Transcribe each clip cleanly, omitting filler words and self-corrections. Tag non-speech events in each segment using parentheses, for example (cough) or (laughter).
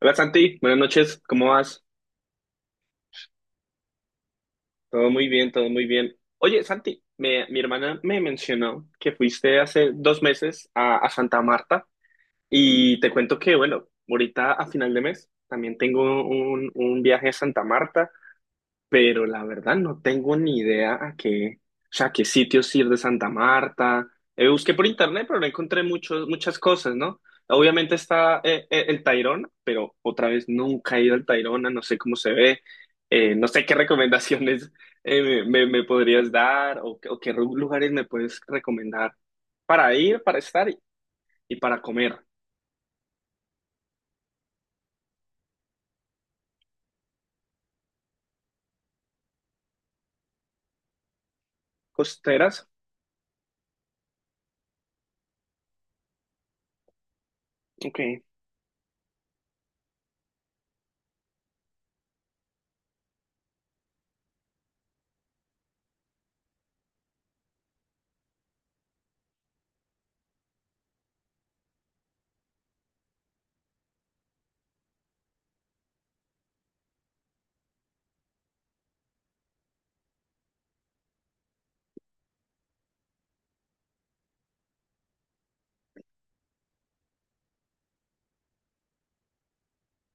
Hola Santi, buenas noches, ¿cómo vas? Todo muy bien, todo muy bien. Oye Santi, mi hermana me mencionó que fuiste hace dos meses a Santa Marta y te cuento que, bueno, ahorita a final de mes también tengo un viaje a Santa Marta, pero la verdad no tengo ni idea a qué, o sea, a qué sitios ir de Santa Marta. Busqué por internet, pero no encontré muchas cosas, ¿no? Obviamente está el Tayrona, pero otra vez nunca he ido al Tayrona, no sé cómo se ve, no sé qué (laughs) recomendaciones me podrías dar o, lugares me puedes recomendar para ir, para estar y para comer. Costeras, ok.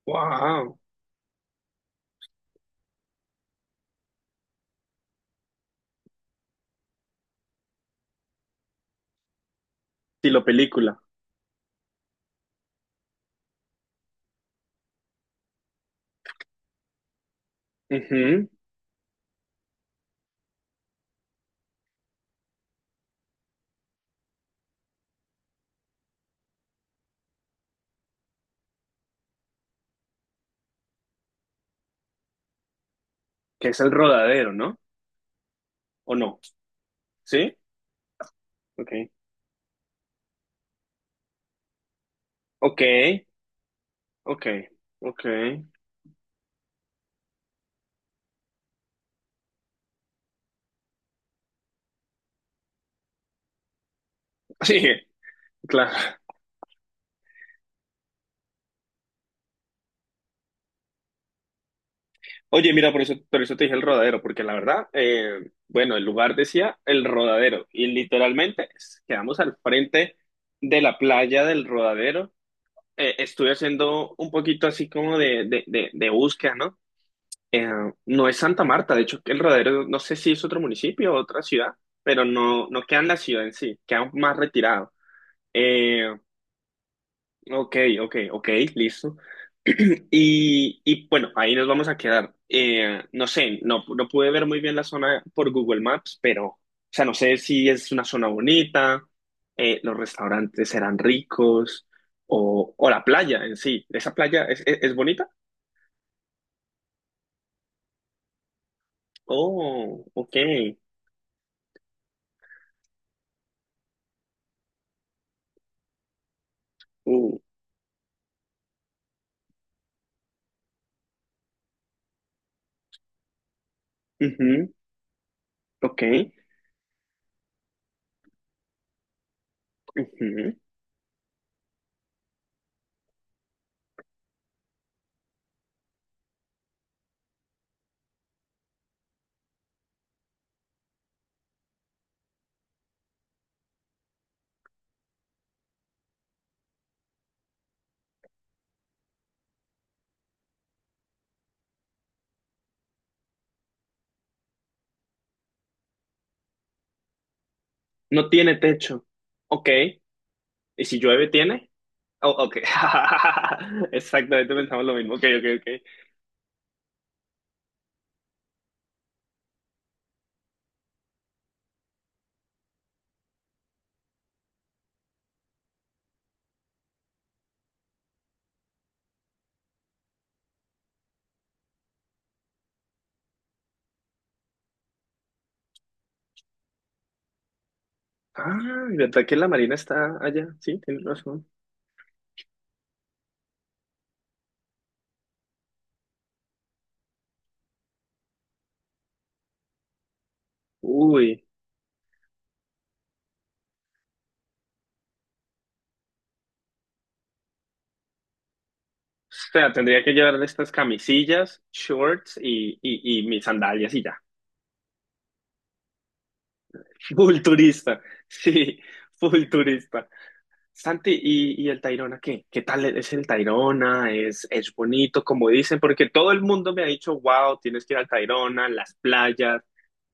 Wow, estilo película. Ujú. ¿Que es el rodadero, ¿no? ¿O no? ¿Sí? Ok. Ok. Ok. Ok. (laughs) Sí, claro. Oye, mira, por eso te dije el rodadero, porque la verdad, bueno, el lugar decía el rodadero y literalmente quedamos al frente de la playa del rodadero. Estuve haciendo un poquito así como de búsqueda, ¿no? Eh, no es Santa Marta, de hecho, el rodadero, no sé si es otro municipio o otra ciudad, pero no queda en la ciudad en sí, queda más retirado. Eh, Ok, ok, ok, listo. (clears throat) Y bueno, ahí nos vamos a quedar. No sé, no pude ver muy bien la zona por Google Maps, pero, o sea, no sé si es una zona bonita, los restaurantes serán ricos, o la playa en sí. ¿Esa playa es bonita? Oh, ok. Uh, ujú, ok. Ujú. No tiene techo. Ok. ¿Y si llueve, tiene? Oh, ok. (laughs) Exactamente, pensamos lo mismo. Ok, ok, ok. Ah, ¿verdad que la Marina está allá? Sí, tienes razón. Uy, o sea, tendría que llevar estas camisillas, shorts y mis sandalias y ya. (laughs) Full turista, sí, full turista. Santi, ¿ y el Tayrona qué? ¿Qué tal es el Tayrona? Es bonito, como dicen? Porque todo el mundo me ha dicho, wow, tienes que ir al Tayrona, las playas.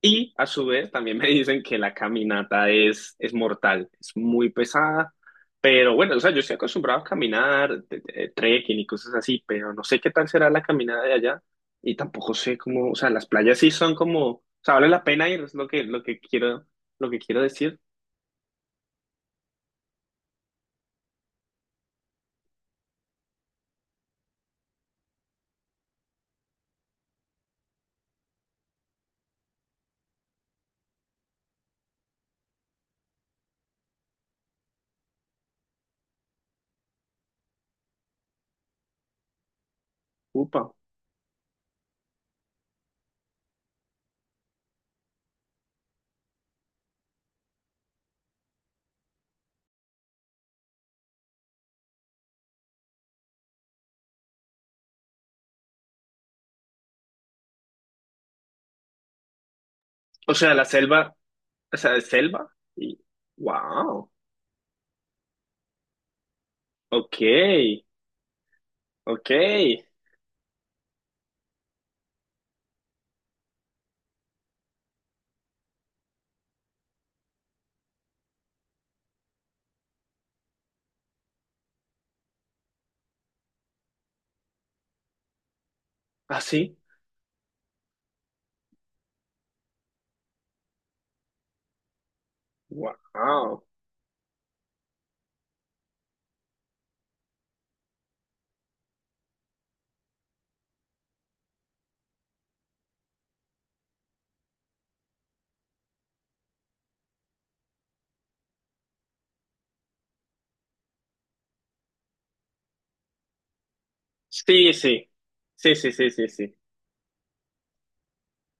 Y a su vez también (laughs) me dicen que la caminata es mortal, es muy pesada. Pero bueno, o sea, yo estoy acostumbrado a caminar, trekking y cosas así, pero no sé qué tal será la caminada de allá. Y tampoco sé cómo, o sea, las playas sí son como, o sea, vale la pena ir, es lo que quiero decir. Upa. O sea, la selva. O sea, de selva. Y, wow. Ok, ok. Así. Wow. Sí, sí. Sí, sí, sí, sí, sí.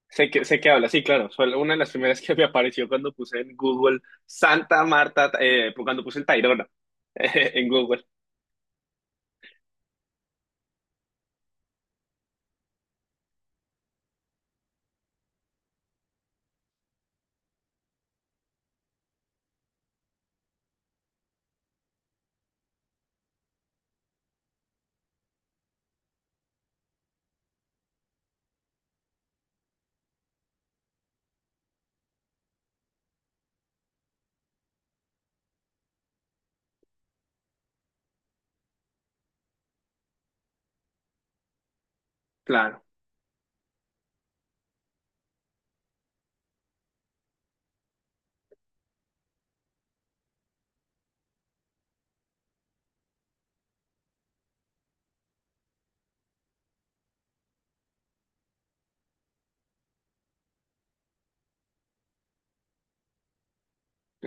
Sé que habla, sí, claro. Fue una de las primeras que me apareció cuando puse en Google Santa Marta, cuando puse el Tayrona (laughs) en Google. Claro.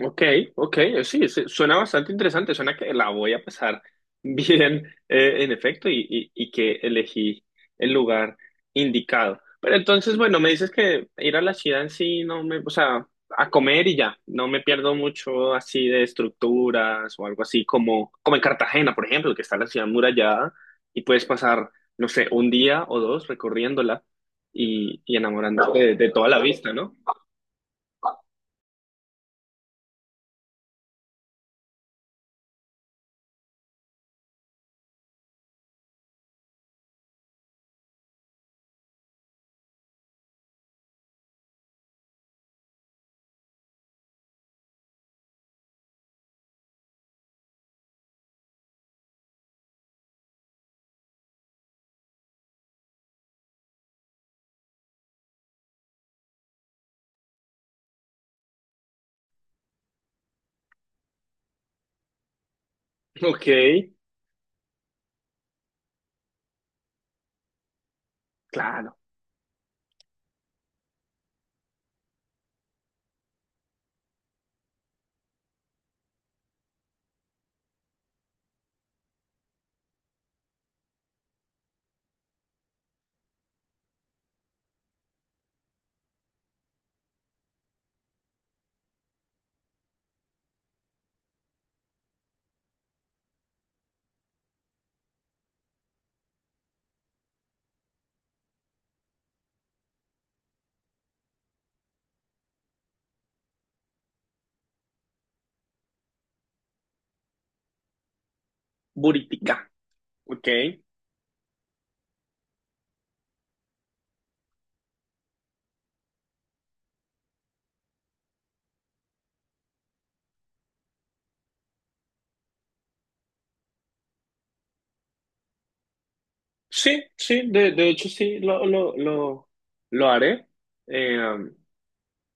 Ok, ok, sí, sí, suena bastante interesante, suena que la voy a pasar (laughs) bien, en efecto, y que elegí el lugar indicado. Pero entonces, bueno, me dices que ir a la ciudad en sí, no me, o sea, a comer y ya, no me pierdo mucho así de estructuras o algo así como, como en Cartagena, por ejemplo, que está la ciudad murallada y puedes pasar, no sé, un día o dos recorriéndola y enamorándote de toda la vista, ¿no? Ok, claro, Buritica. Ok, sí, sí, de hecho sí, lo haré. Eh, um,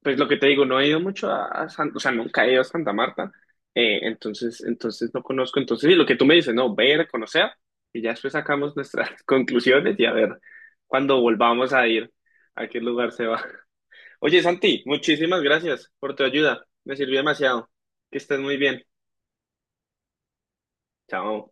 pues lo que te digo, no he ido mucho a, o sea, nunca he ido a Santa Marta, entonces, entonces no conozco, entonces sí, lo que tú me dices, no, ver, conocer, y ya después sacamos nuestras (laughs) conclusiones y a ver cuando volvamos a ir, a qué lugar se va. (laughs) Oye, Santi, muchísimas gracias por tu ayuda, me sirvió demasiado, que estés muy bien, chao.